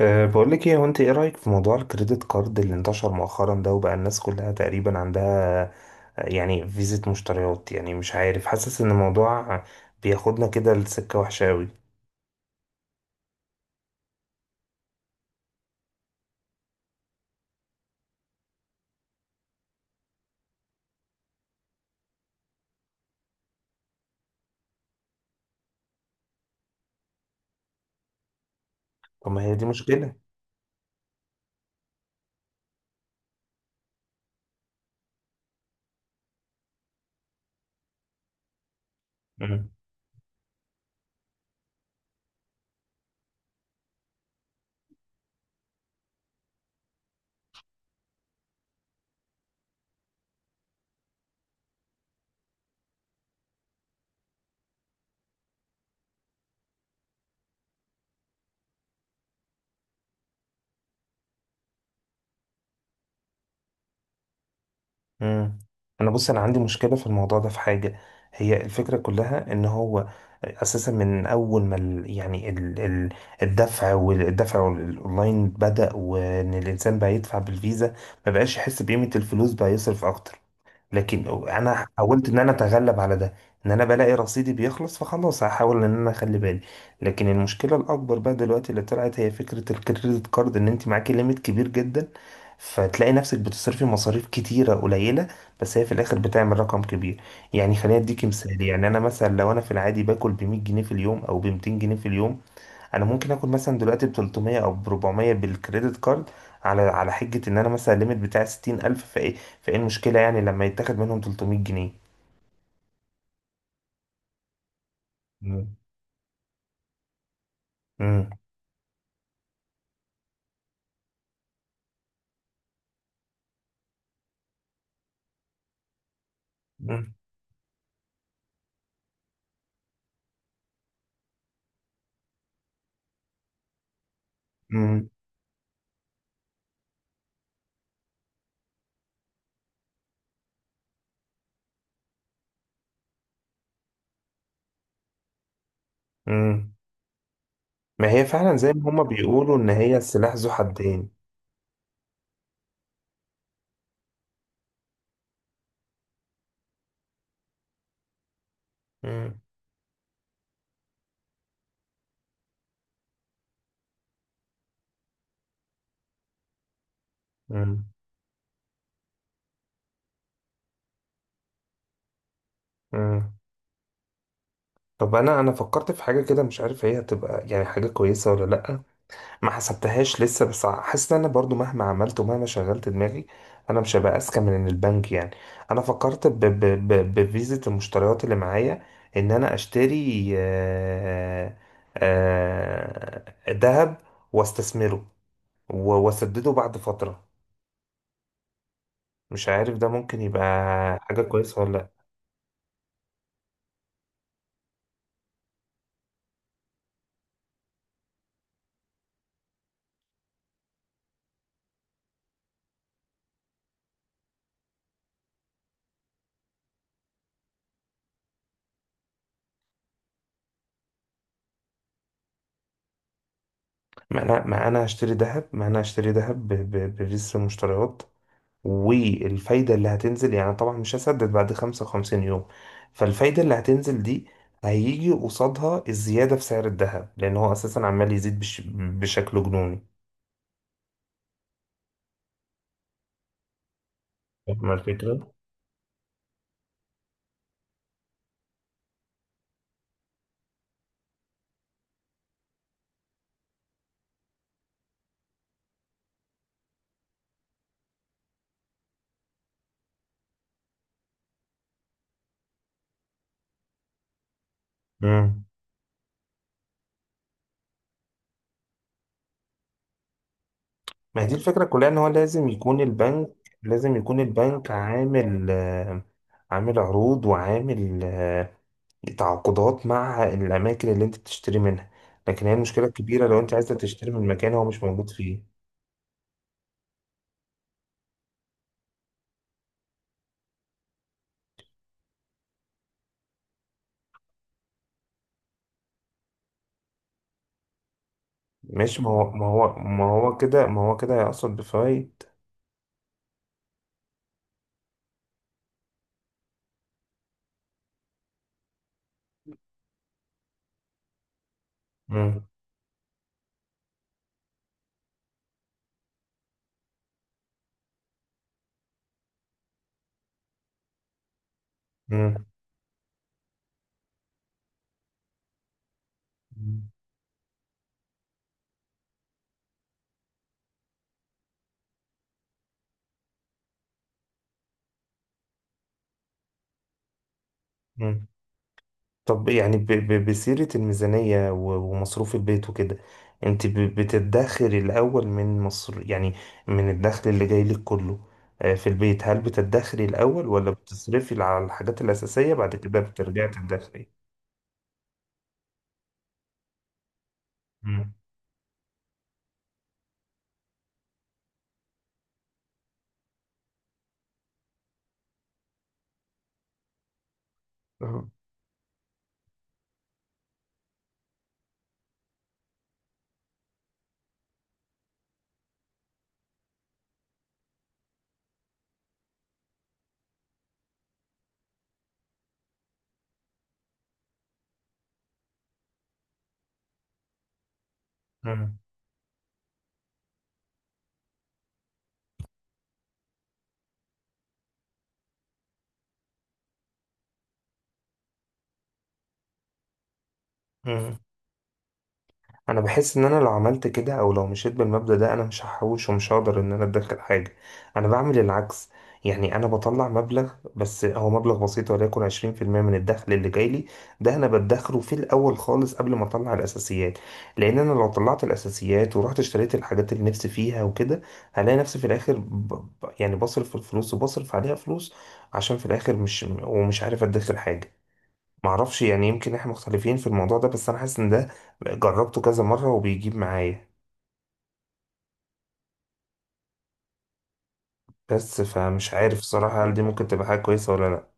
بقول لك ايه. انت ايه رأيك في موضوع الكريدت كارد اللي انتشر مؤخرا ده، وبقى الناس كلها تقريبا عندها؟ يعني فيزة مشتريات، يعني مش عارف، حاسس ان الموضوع بياخدنا كده لسكة وحشة قوي. طب ما هي دي مشكلة. مم. مم. انا بص، انا عندي مشكلة في الموضوع ده، في حاجة. هي الفكرة كلها ان هو اساسا من اول ما ال يعني ال ال الدفع والدفع الاونلاين بدأ، وان الانسان بقى يدفع بالفيزا، ما بقاش يحس بقيمة الفلوس، بقى يصرف اكتر. لكن انا حاولت ان انا اتغلب على ده ان انا بلاقي رصيدي بيخلص، فخلاص هحاول ان انا اخلي بالي. لكن المشكله الاكبر بقى دلوقتي اللي طلعت هي فكره الكريدت كارد، ان انت معاكي ليميت كبير جدا، فتلاقي نفسك بتصرفي مصاريف كتيره قليله، بس هي في الاخر بتعمل رقم كبير. يعني خليني اديكي مثال، يعني انا مثلا لو انا في العادي باكل ب 100 جنيه في اليوم او ب 200 جنيه في اليوم، انا ممكن اخد مثلا دلوقتي ب 300 او ب 400 بالكريدت كارد، على حجة ان انا مثلا الليميت بتاعي 60,000. فايه، فايه المشكلة يعني لما يتاخد منهم 300 جنيه؟ مم. مم. مم. مم. مم. ما هي فعلا زي ما هما بيقولوا، ان هي السلاح ذو حدين. مم. مم. مم. طب انا، انا فكرت في حاجة كده، مش عارف هي هتبقى يعني حاجة كويسة ولا لأ. ما حسبتهاش لسه، بس حاسس ان انا برضو مهما عملت ومهما شغلت دماغي، انا مش هبقى اذكى من البنك يعني. انا فكرت ب ب ب بفيزة المشتريات اللي معايا، ان انا اشتري ذهب، واستثمره واسدده بعد فترة. مش عارف ده ممكن يبقى حاجة كويسة ولا لا. ما انا هشتري ذهب، بفيزة المشتريات، والفايدة اللي هتنزل يعني طبعا مش هسدد بعد 55 يوم، فالفايدة اللي هتنزل دي هيجي قصادها الزيادة في سعر الذهب، لأن هو أساسا عمال يزيد بشكل جنوني. فاهم الفكرة؟ مم. ما هي دي الفكرة كلها، إن هو لازم يكون البنك، لازم يكون البنك عامل عامل عروض، وعامل تعاقدات مع الأماكن اللي أنت بتشتري منها. لكن هي المشكلة الكبيرة لو أنت عايزة تشتري من مكان هو مش موجود فيه. ماشي، ما هو ما هو ما هو كده ما هو كده هيقصد بفوائد. مم. مم. مم. طب يعني بسيرة الميزانية ومصروف البيت وكده، انت بتدخري الأول من مصر يعني، من الدخل اللي جاي لك كله في البيت؟ هل بتدخري الأول ولا بتصرفي على الحاجات الأساسية بعد كده بترجعي تدخري؟ مم. أهو. مم. مم. انا بحس ان انا لو عملت كده او لو مشيت بالمبدأ ده انا مش هحوش، ومش هقدر ان انا ادخر حاجة. انا بعمل العكس، يعني انا بطلع مبلغ، بس هو مبلغ بسيط، وليكن 20% من الدخل اللي جاي لي، ده انا بدخره في الاول خالص قبل ما اطلع الاساسيات. لان انا لو طلعت الاساسيات ورحت اشتريت الحاجات اللي نفسي فيها وكده، هلاقي نفسي في الاخر يعني بصرف في الفلوس وبصرف عليها فلوس، عشان في الاخر مش ومش عارف ادخر حاجة. معرفش يعني، يمكن احنا مختلفين في الموضوع ده، بس انا حاسس ان ده جربته كذا مرة وبيجيب معايا. بس فمش عارف صراحة هل دي ممكن تبقى حاجة كويسة ولا لا.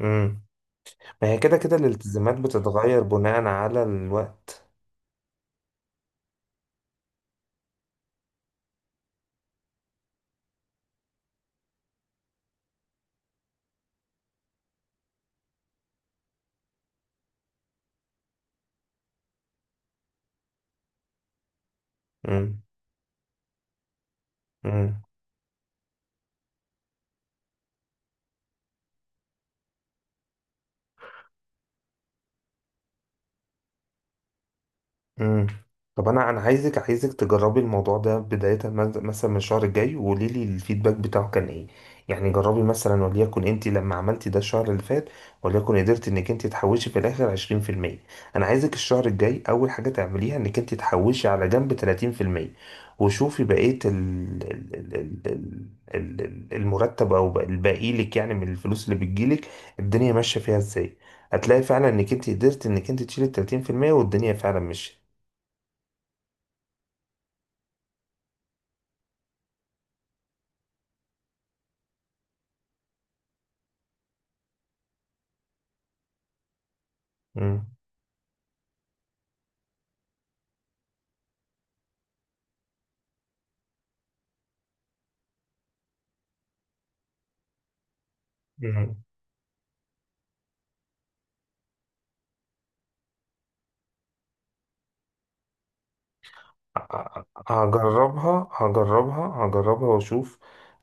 امم ما هي كده كده الالتزامات بتتغير بناء على الوقت. امم امم طب انا، انا عايزك تجربي الموضوع ده بداية مثلا من الشهر الجاي، وقولي لي الفيدباك بتاعه كان ايه. يعني جربي مثلا، وليكن انت لما عملتي ده الشهر اللي فات وليكن قدرت انك انت تحوشي في الاخر 20%، انا عايزك الشهر الجاي اول حاجة تعمليها انك انت تحوشي على جنب 30%، وشوفي بقية ال المرتب، او الباقي لك يعني من الفلوس اللي بتجيلك، الدنيا ماشية فيها ازاي. هتلاقي فعلا انك انت قدرت انك انت تشيلي 30% والدنيا فعلا مشيت. مم. مم. ه- هجربها واشوف.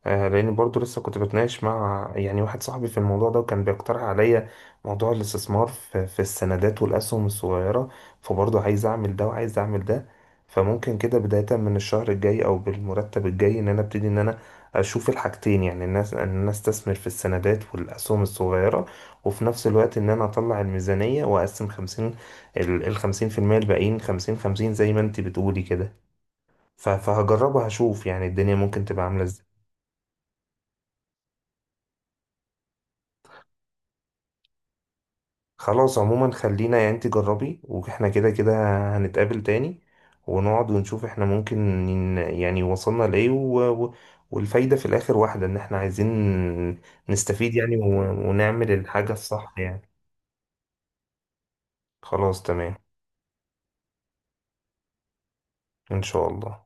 آه، لان برضو لسه كنت بتناقش مع يعني واحد صاحبي في الموضوع ده، وكان بيقترح عليا موضوع الاستثمار في السندات والاسهم الصغيره. فبرضه عايز اعمل ده وعايز اعمل ده. فممكن كده بدايه من الشهر الجاي او بالمرتب الجاي ان انا ابتدي ان انا اشوف الحاجتين، يعني الناس ان انا استثمر في السندات والاسهم الصغيره، وفي نفس الوقت ان انا اطلع الميزانيه واقسم 50، ال ال 50% الباقيين، 50 50 زي ما انت بتقولي كده. فهجربه هشوف يعني الدنيا ممكن تبقى عاملة ازاي. خلاص، عموما خلينا يعني، انت جربي، واحنا كده كده هنتقابل تاني، ونقعد ونشوف احنا ممكن يعني وصلنا لإيه، و... والفايدة في الآخر واحدة، إن احنا عايزين نستفيد يعني، ونعمل الحاجة الصح يعني. خلاص، تمام، إن شاء الله.